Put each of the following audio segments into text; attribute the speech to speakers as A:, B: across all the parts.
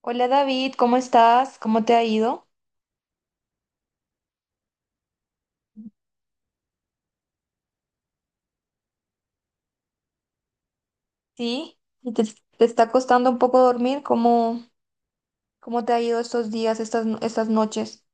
A: Hola David, ¿cómo estás? ¿Cómo te ha ido? Sí, ¿te está costando un poco dormir? ¿Cómo te ha ido estos días, estas, no- estas noches?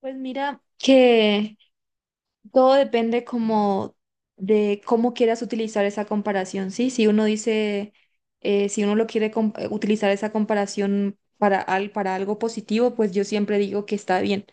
A: Pues mira que todo depende como de cómo quieras utilizar esa comparación, ¿sí? Si uno dice, si uno lo quiere utilizar esa comparación para, para algo positivo, pues yo siempre digo que está bien.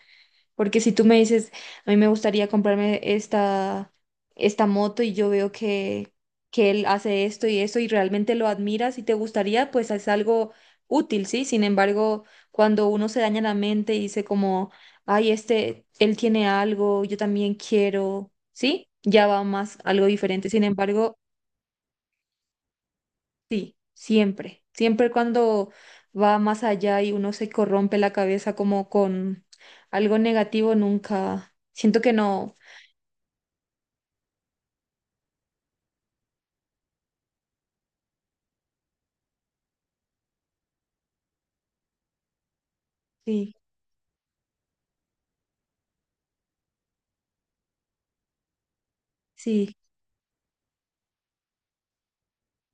A: Porque si tú me dices, a mí me gustaría comprarme esta moto y yo veo que él hace esto y esto y realmente lo admiras y te gustaría, pues es algo útil, ¿sí? Sin embargo, cuando uno se daña la mente y dice como, ay, este, él tiene algo, yo también quiero, ¿sí? Ya va más algo diferente. Sin embargo, siempre cuando va más allá y uno se corrompe la cabeza como con algo negativo, nunca, siento que no. Sí, sí,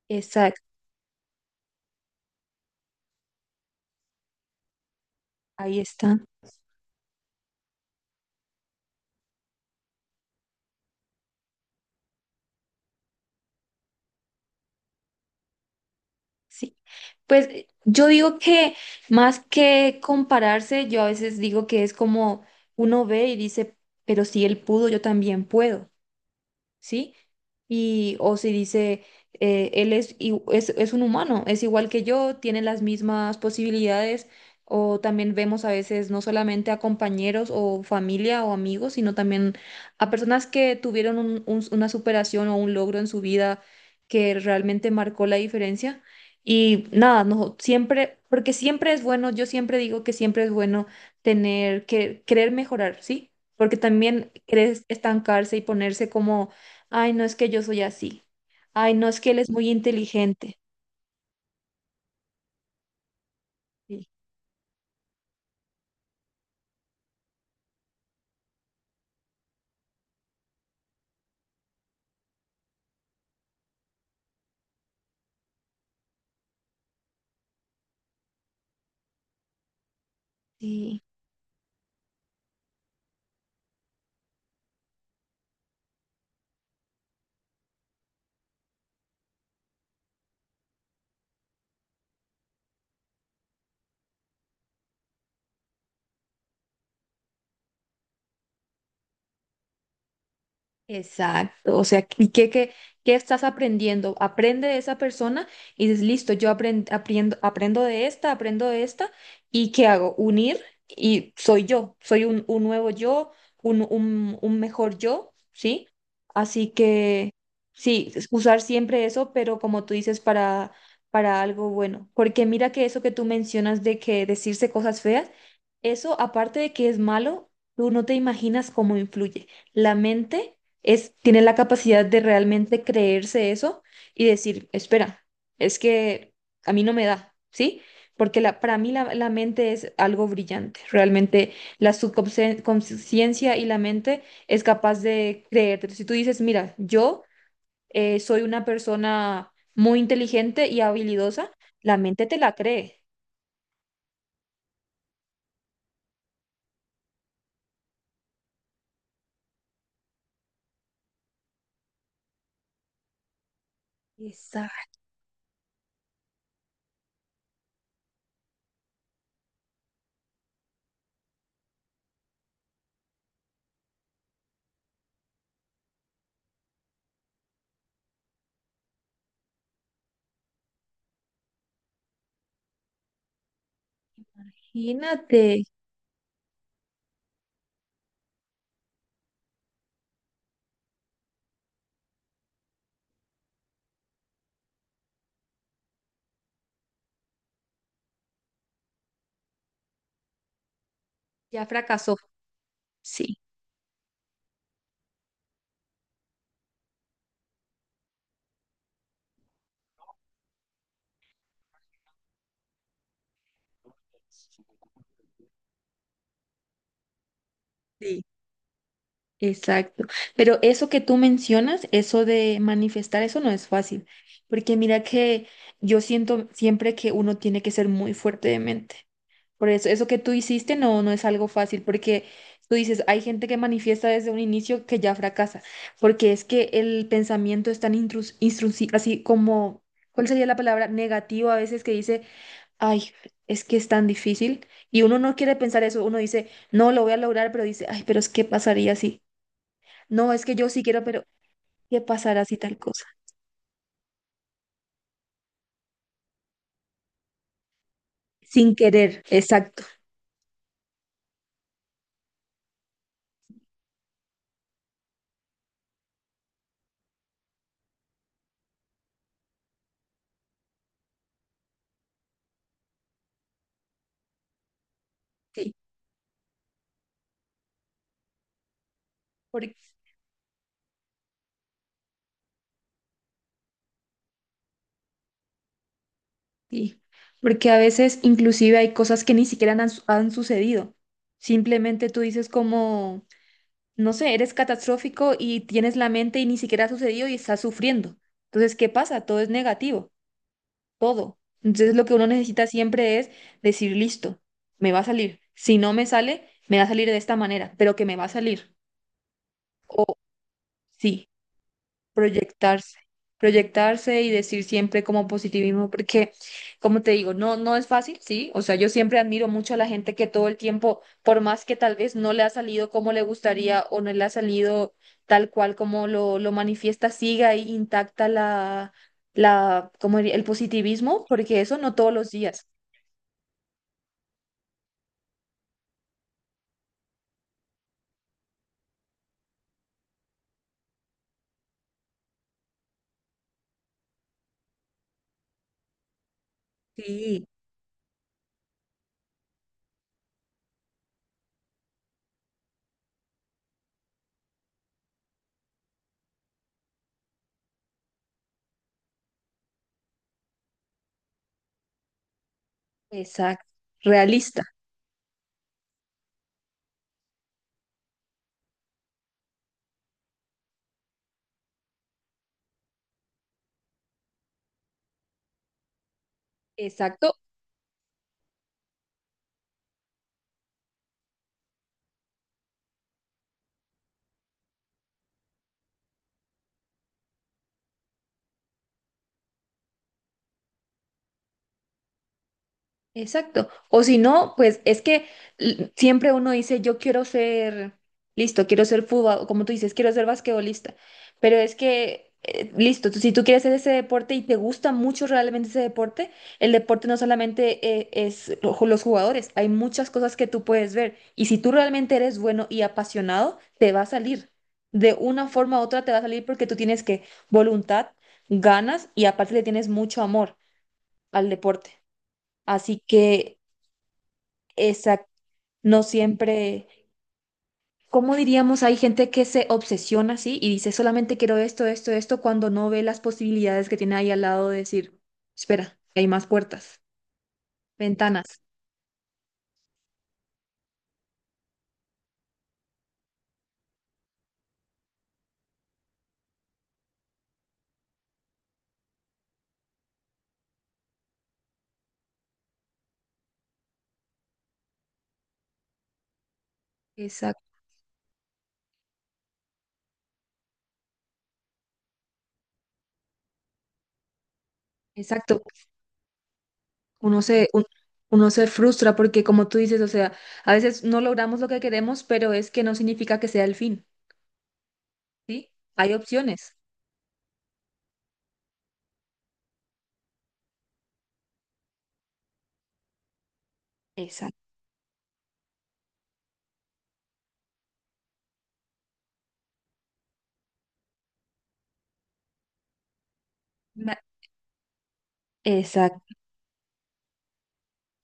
A: exacto, ahí está. Sí. Pues yo digo que más que compararse, yo a veces digo que es como uno ve y dice, pero si él pudo, yo también puedo. ¿Sí? Y, o si dice, él es, i- es un humano, es igual que yo, tiene las mismas posibilidades, o también vemos a veces no solamente a compañeros o familia o amigos, sino también a personas que tuvieron una superación o un logro en su vida que realmente marcó la diferencia. Y nada, no, siempre, porque siempre es bueno, yo siempre digo que siempre es bueno tener que querer mejorar, ¿sí? Porque también querer estancarse y ponerse como: ay, no es que yo soy así. Ay, no es que él es muy inteligente. Sí, sí. Exacto, o sea, ¿qué estás aprendiendo? Aprende de esa persona y dices, listo, yo aprendo, aprendo, aprendo de esta, ¿y qué hago? Unir y soy yo, soy un nuevo yo, un mejor yo, ¿sí? Así que sí, es usar siempre eso, pero como tú dices, para algo bueno, porque mira que eso que tú mencionas de que decirse cosas feas, eso aparte de que es malo, tú no te imaginas cómo influye. La mente es, tiene la capacidad de realmente creerse eso y decir, espera, es que a mí no me da, ¿sí? Porque para mí la mente es algo brillante. Realmente la subconsciencia y la mente es capaz de creerte. Si tú dices, mira, yo soy una persona muy inteligente y habilidosa, la mente te la cree. Imagínate, ya fracasó. Sí. Sí. Exacto. Pero eso que tú mencionas, eso de manifestar, eso no es fácil. Porque mira que yo siento siempre que uno tiene que ser muy fuerte de mente. Por eso, eso que tú hiciste no, no es algo fácil, porque tú dices, hay gente que manifiesta desde un inicio que ya fracasa, porque es que el pensamiento es tan así como, ¿cuál sería la palabra? Negativo a veces que dice, ay, es que es tan difícil. Y uno no quiere pensar eso, uno dice, no, lo voy a lograr, pero dice, ay, pero es que pasaría así. No, es que yo sí quiero, pero ¿qué pasará si tal cosa? Sin querer, exacto, sí, porque, sí, porque a veces inclusive hay cosas que ni siquiera han sucedido. Simplemente tú dices como, no sé, eres catastrófico y tienes la mente y ni siquiera ha sucedido y estás sufriendo. Entonces, ¿qué pasa? Todo es negativo, todo. Entonces, lo que uno necesita siempre es decir, listo, me va a salir. Si no me sale, me va a salir de esta manera, pero que me va a salir. O sí. Proyectarse, proyectarse y decir siempre como positivismo, porque como te digo, no, no es fácil, sí, o sea, yo siempre admiro mucho a la gente que todo el tiempo, por más que tal vez no le ha salido como le gustaría o no le ha salido tal cual como lo manifiesta, siga ahí intacta como el positivismo, porque eso no todos los días. Sí, exacto, realista. Exacto. Exacto. O si no, pues es que siempre uno dice, yo quiero ser, listo, quiero ser fútbol, o como tú dices, quiero ser basquetbolista. Pero es que, listo, si tú quieres hacer ese deporte y te gusta mucho realmente ese deporte, el deporte no solamente los jugadores, hay muchas cosas que tú puedes ver. Y si tú realmente eres bueno y apasionado, te va a salir. De una forma u otra te va a salir porque tú tienes que voluntad, ganas y aparte le tienes mucho amor al deporte. Así que... Exacto, no siempre, ¿cómo diríamos? Hay gente que se obsesiona así y dice solamente quiero esto, esto, esto, cuando no ve las posibilidades que tiene ahí al lado de decir, espera, hay más puertas, ventanas. Exacto, exacto. Uno se, un- uno se frustra porque como tú dices, o sea, a veces no logramos lo que queremos, pero es que no significa que sea el fin, ¿sí? Hay opciones. Exacto.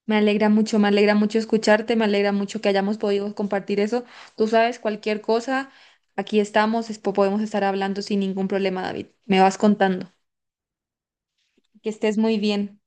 A: Me alegra mucho escucharte, me alegra mucho que hayamos podido compartir eso. Tú sabes, cualquier cosa, aquí estamos, podemos estar hablando sin ningún problema, David. Me vas contando. Que estés muy bien.